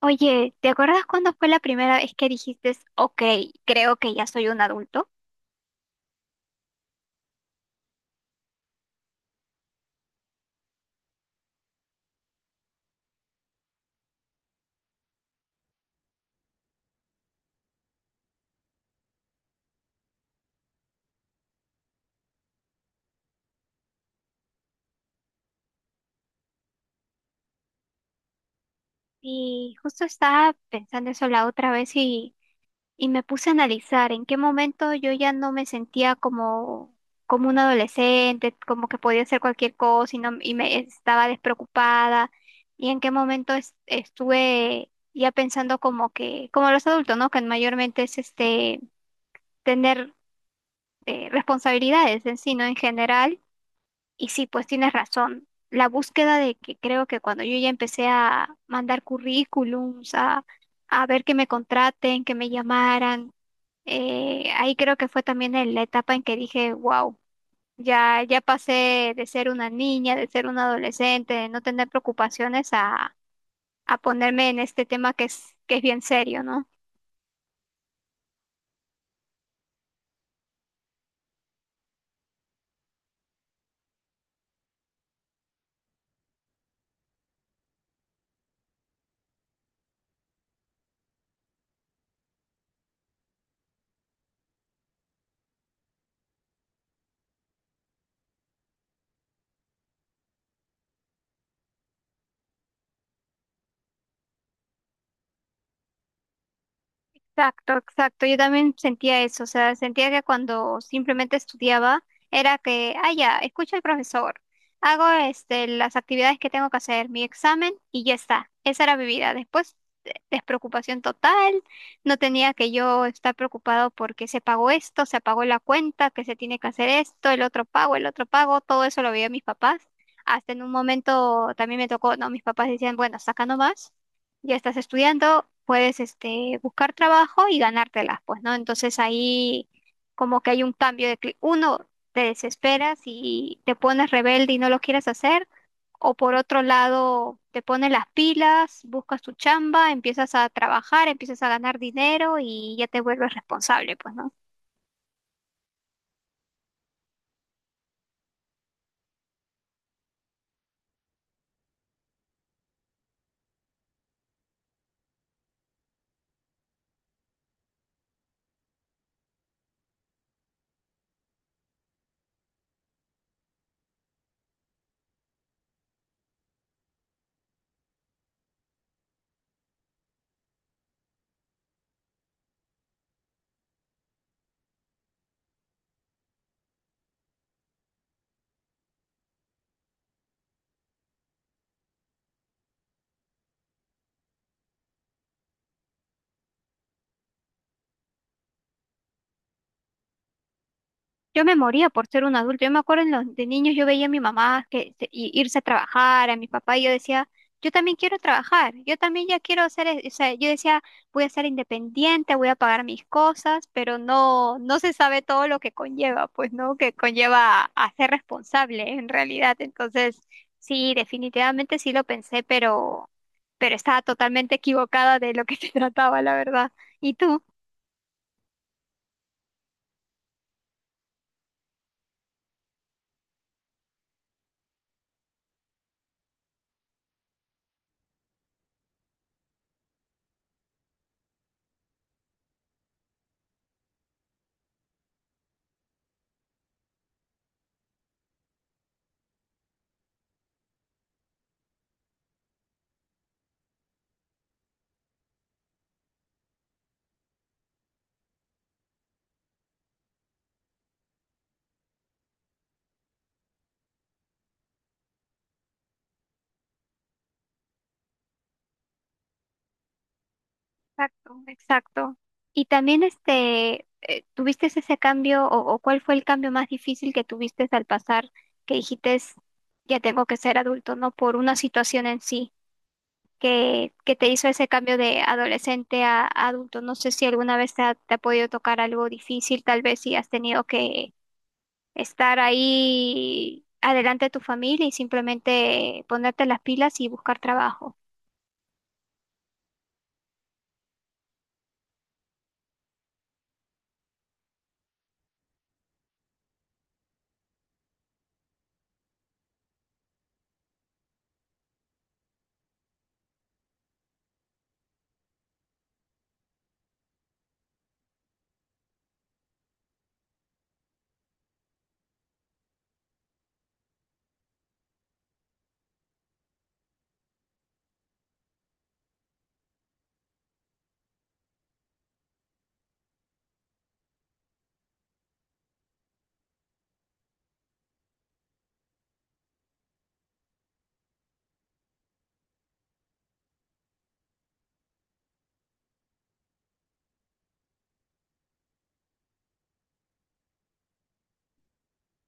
Oye, ¿te acuerdas cuándo fue la primera vez que dijiste, ok, creo que ya soy un adulto? Y justo estaba pensando eso la otra vez y me puse a analizar en qué momento yo ya no me sentía como, como un adolescente, como que podía hacer cualquier cosa y, no, y me estaba despreocupada, y en qué momento estuve ya pensando como que, como los adultos, ¿no? Que mayormente es este tener responsabilidades en sí, ¿no? En general. Y sí, pues tienes razón. La búsqueda de que creo que cuando yo ya empecé a mandar currículums, a ver que me contraten, que me llamaran, ahí creo que fue también en la etapa en que dije, wow, ya pasé de ser una niña, de ser una adolescente, de no tener preocupaciones a ponerme en este tema que es bien serio, ¿no? Exacto, exacto. Yo también sentía eso, o sea, sentía que cuando simplemente estudiaba era que, ah, ya, escucho al profesor, hago este, las actividades que tengo que hacer, mi examen y ya está. Esa era mi vida. Después, despreocupación total, no tenía que yo estar preocupado porque se pagó esto, se pagó la cuenta, que se tiene que hacer esto, el otro pago, todo eso lo veía mis papás. Hasta en un momento también me tocó, no, mis papás decían, bueno, saca nomás, ya estás estudiando, puedes este, buscar trabajo y ganártelas, pues, ¿no? Entonces ahí como que hay un cambio de uno, te desesperas y te pones rebelde y no lo quieres hacer, o por otro lado, te pones las pilas, buscas tu chamba, empiezas a trabajar, empiezas a ganar dinero y ya te vuelves responsable, pues, ¿no? Yo me moría por ser un adulto. Yo me acuerdo en los, de niños yo veía a mi mamá que irse a trabajar, a mi papá, y yo decía, yo también quiero trabajar, yo también ya quiero ser, o sea, yo decía, voy a ser independiente, voy a pagar mis cosas, pero no, no se sabe todo lo que conlleva, pues, ¿no? Que conlleva a ser responsable en realidad. Entonces, sí, definitivamente sí lo pensé, pero estaba totalmente equivocada de lo que se trataba, la verdad. ¿Y tú? Exacto, exacto. Y también este, ¿tuviste ese cambio o cuál fue el cambio más difícil que tuviste al pasar que dijiste, ya tengo que ser adulto, no por una situación en sí que te hizo ese cambio de adolescente a adulto? No sé si alguna vez te ha podido tocar algo difícil, tal vez si has tenido que estar ahí adelante de tu familia y simplemente ponerte las pilas y buscar trabajo.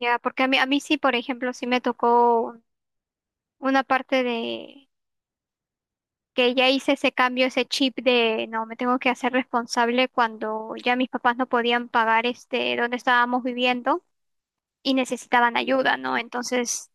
Ya, porque a mí sí, por ejemplo, sí me tocó una parte de que ya hice ese cambio, ese chip de no, me tengo que hacer responsable cuando ya mis papás no podían pagar este donde estábamos viviendo y necesitaban ayuda, ¿no? Entonces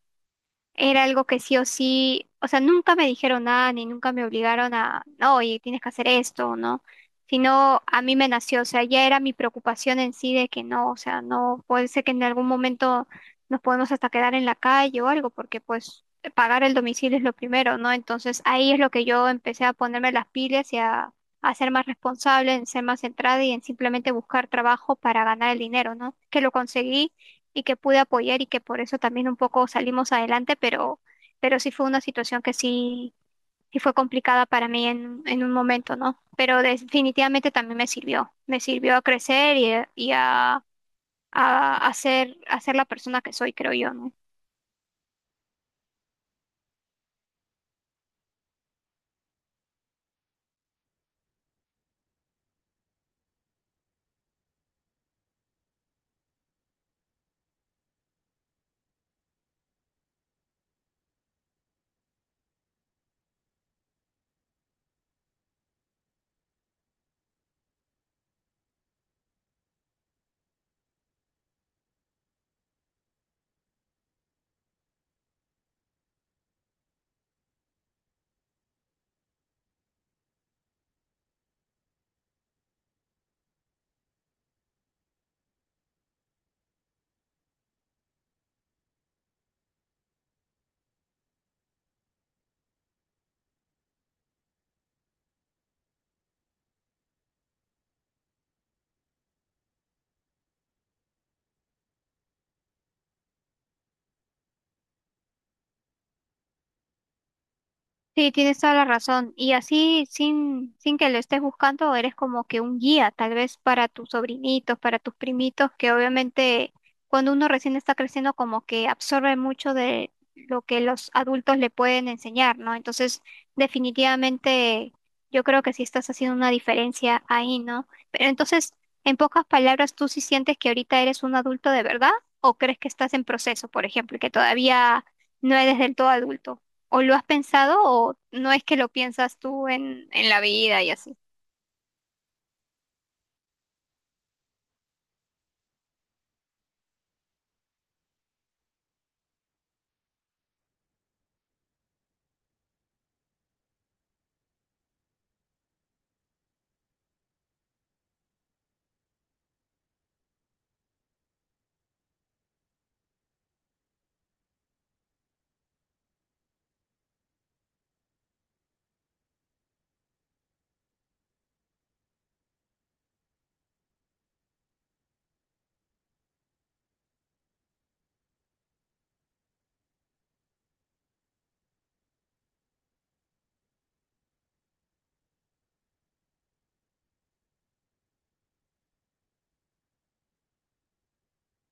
era algo que sí o sí, o sea, nunca me dijeron nada ni nunca me obligaron a, no, oye, tienes que hacer esto, ¿no? Sino a mí me nació, o sea, ya era mi preocupación en sí de que no, o sea, no puede ser que en algún momento nos podemos hasta quedar en la calle o algo, porque pues pagar el domicilio es lo primero, ¿no? Entonces ahí es lo que yo empecé a ponerme las pilas y a ser más responsable, en ser más centrada y en simplemente buscar trabajo para ganar el dinero, ¿no? Que lo conseguí y que pude apoyar y que por eso también un poco salimos adelante, pero sí fue una situación sí fue complicada para mí en un momento, ¿no? Pero definitivamente también me sirvió a crecer a ser la persona que soy, creo yo, ¿no? Sí, tienes toda la razón. Y así, sin, sin que lo estés buscando, eres como que un guía, tal vez para tus sobrinitos, para tus primitos, que obviamente cuando uno recién está creciendo, como que absorbe mucho de lo que los adultos le pueden enseñar, ¿no? Entonces, definitivamente, yo creo que sí estás haciendo una diferencia ahí, ¿no? Pero entonces, en pocas palabras, ¿tú sí sientes que ahorita eres un adulto de verdad? ¿O crees que estás en proceso, por ejemplo, y que todavía no eres del todo adulto? ¿O lo has pensado o no es que lo piensas tú en la vida y así?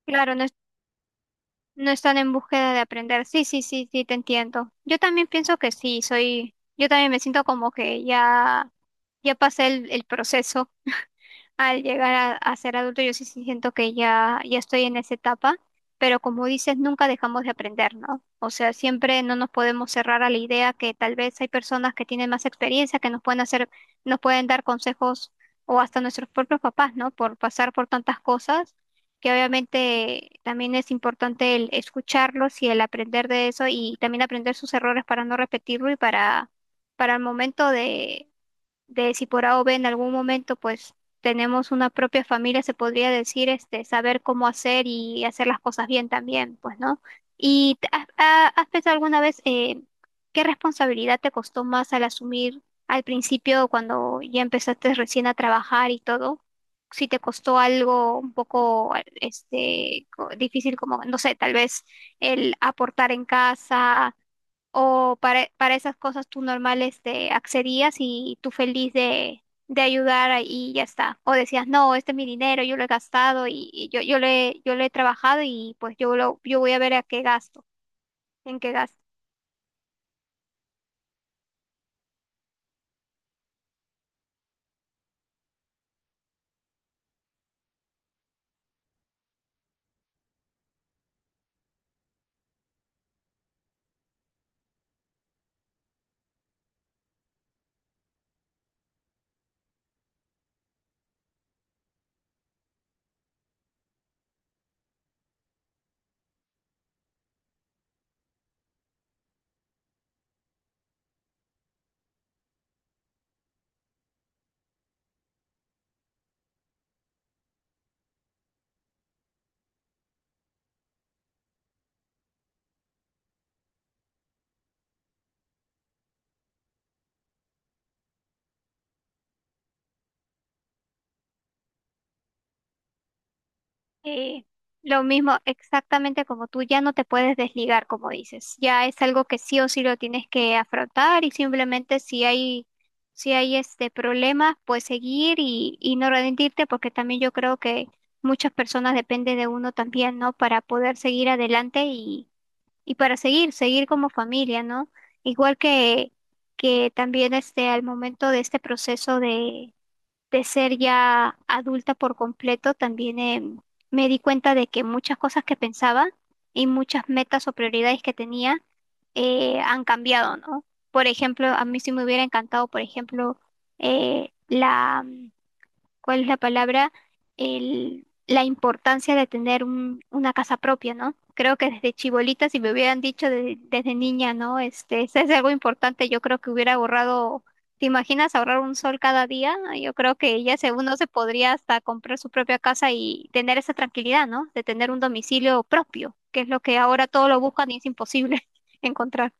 Claro, no, no están en búsqueda de aprender. Sí, sí, sí, sí, te entiendo. Yo también pienso que sí, soy, yo también me siento como que ya, ya pasé el proceso al llegar a ser adulto, yo sí sí siento que ya, ya estoy en esa etapa, pero como dices, nunca dejamos de aprender, ¿no? O sea, siempre no nos podemos cerrar a la idea que tal vez hay personas que tienen más experiencia, que nos pueden hacer, nos pueden dar consejos o hasta nuestros propios papás, ¿no? Por pasar por tantas cosas, que obviamente también es importante el escucharlos y el aprender de eso y también aprender sus errores para no repetirlo y para el momento de si por A o B en algún momento pues tenemos una propia familia, se podría decir, este, saber cómo hacer y hacer las cosas bien también, pues, ¿no? ¿Y has pensado alguna vez qué responsabilidad te costó más al asumir al principio cuando ya empezaste recién a trabajar y todo? Si te costó algo un poco este difícil como, no sé, tal vez el aportar en casa. ¿O para esas cosas tú normales te accedías y tú feliz de ayudar y ya está? ¿O decías, no, este es mi dinero, yo lo he gastado yo le he trabajado y pues yo voy a ver a qué gasto, en qué gasto? Eh, lo mismo, exactamente como tú, ya no te puedes desligar, como dices. Ya es algo que sí o sí lo tienes que afrontar y simplemente si hay este problemas, pues seguir y no rendirte, porque también yo creo que muchas personas dependen de uno también, ¿no? Para poder seguir adelante y para seguir, seguir como familia, ¿no? Igual que, que también este, al momento de este proceso de ser ya adulta por completo, también me di cuenta de que muchas cosas que pensaba y muchas metas o prioridades que tenía han cambiado, ¿no? Por ejemplo, a mí sí me hubiera encantado, por ejemplo, la ¿cuál es la palabra? La importancia de tener una casa propia, ¿no? Creo que desde chibolita, si me hubieran dicho desde niña, ¿no? Este, eso es algo importante, yo creo que hubiera ahorrado. ¿Te imaginas ahorrar un sol cada día? Yo creo que ya se, uno se podría hasta comprar su propia casa y tener esa tranquilidad, ¿no? De tener un domicilio propio, que es lo que ahora todos lo buscan y es imposible encontrar.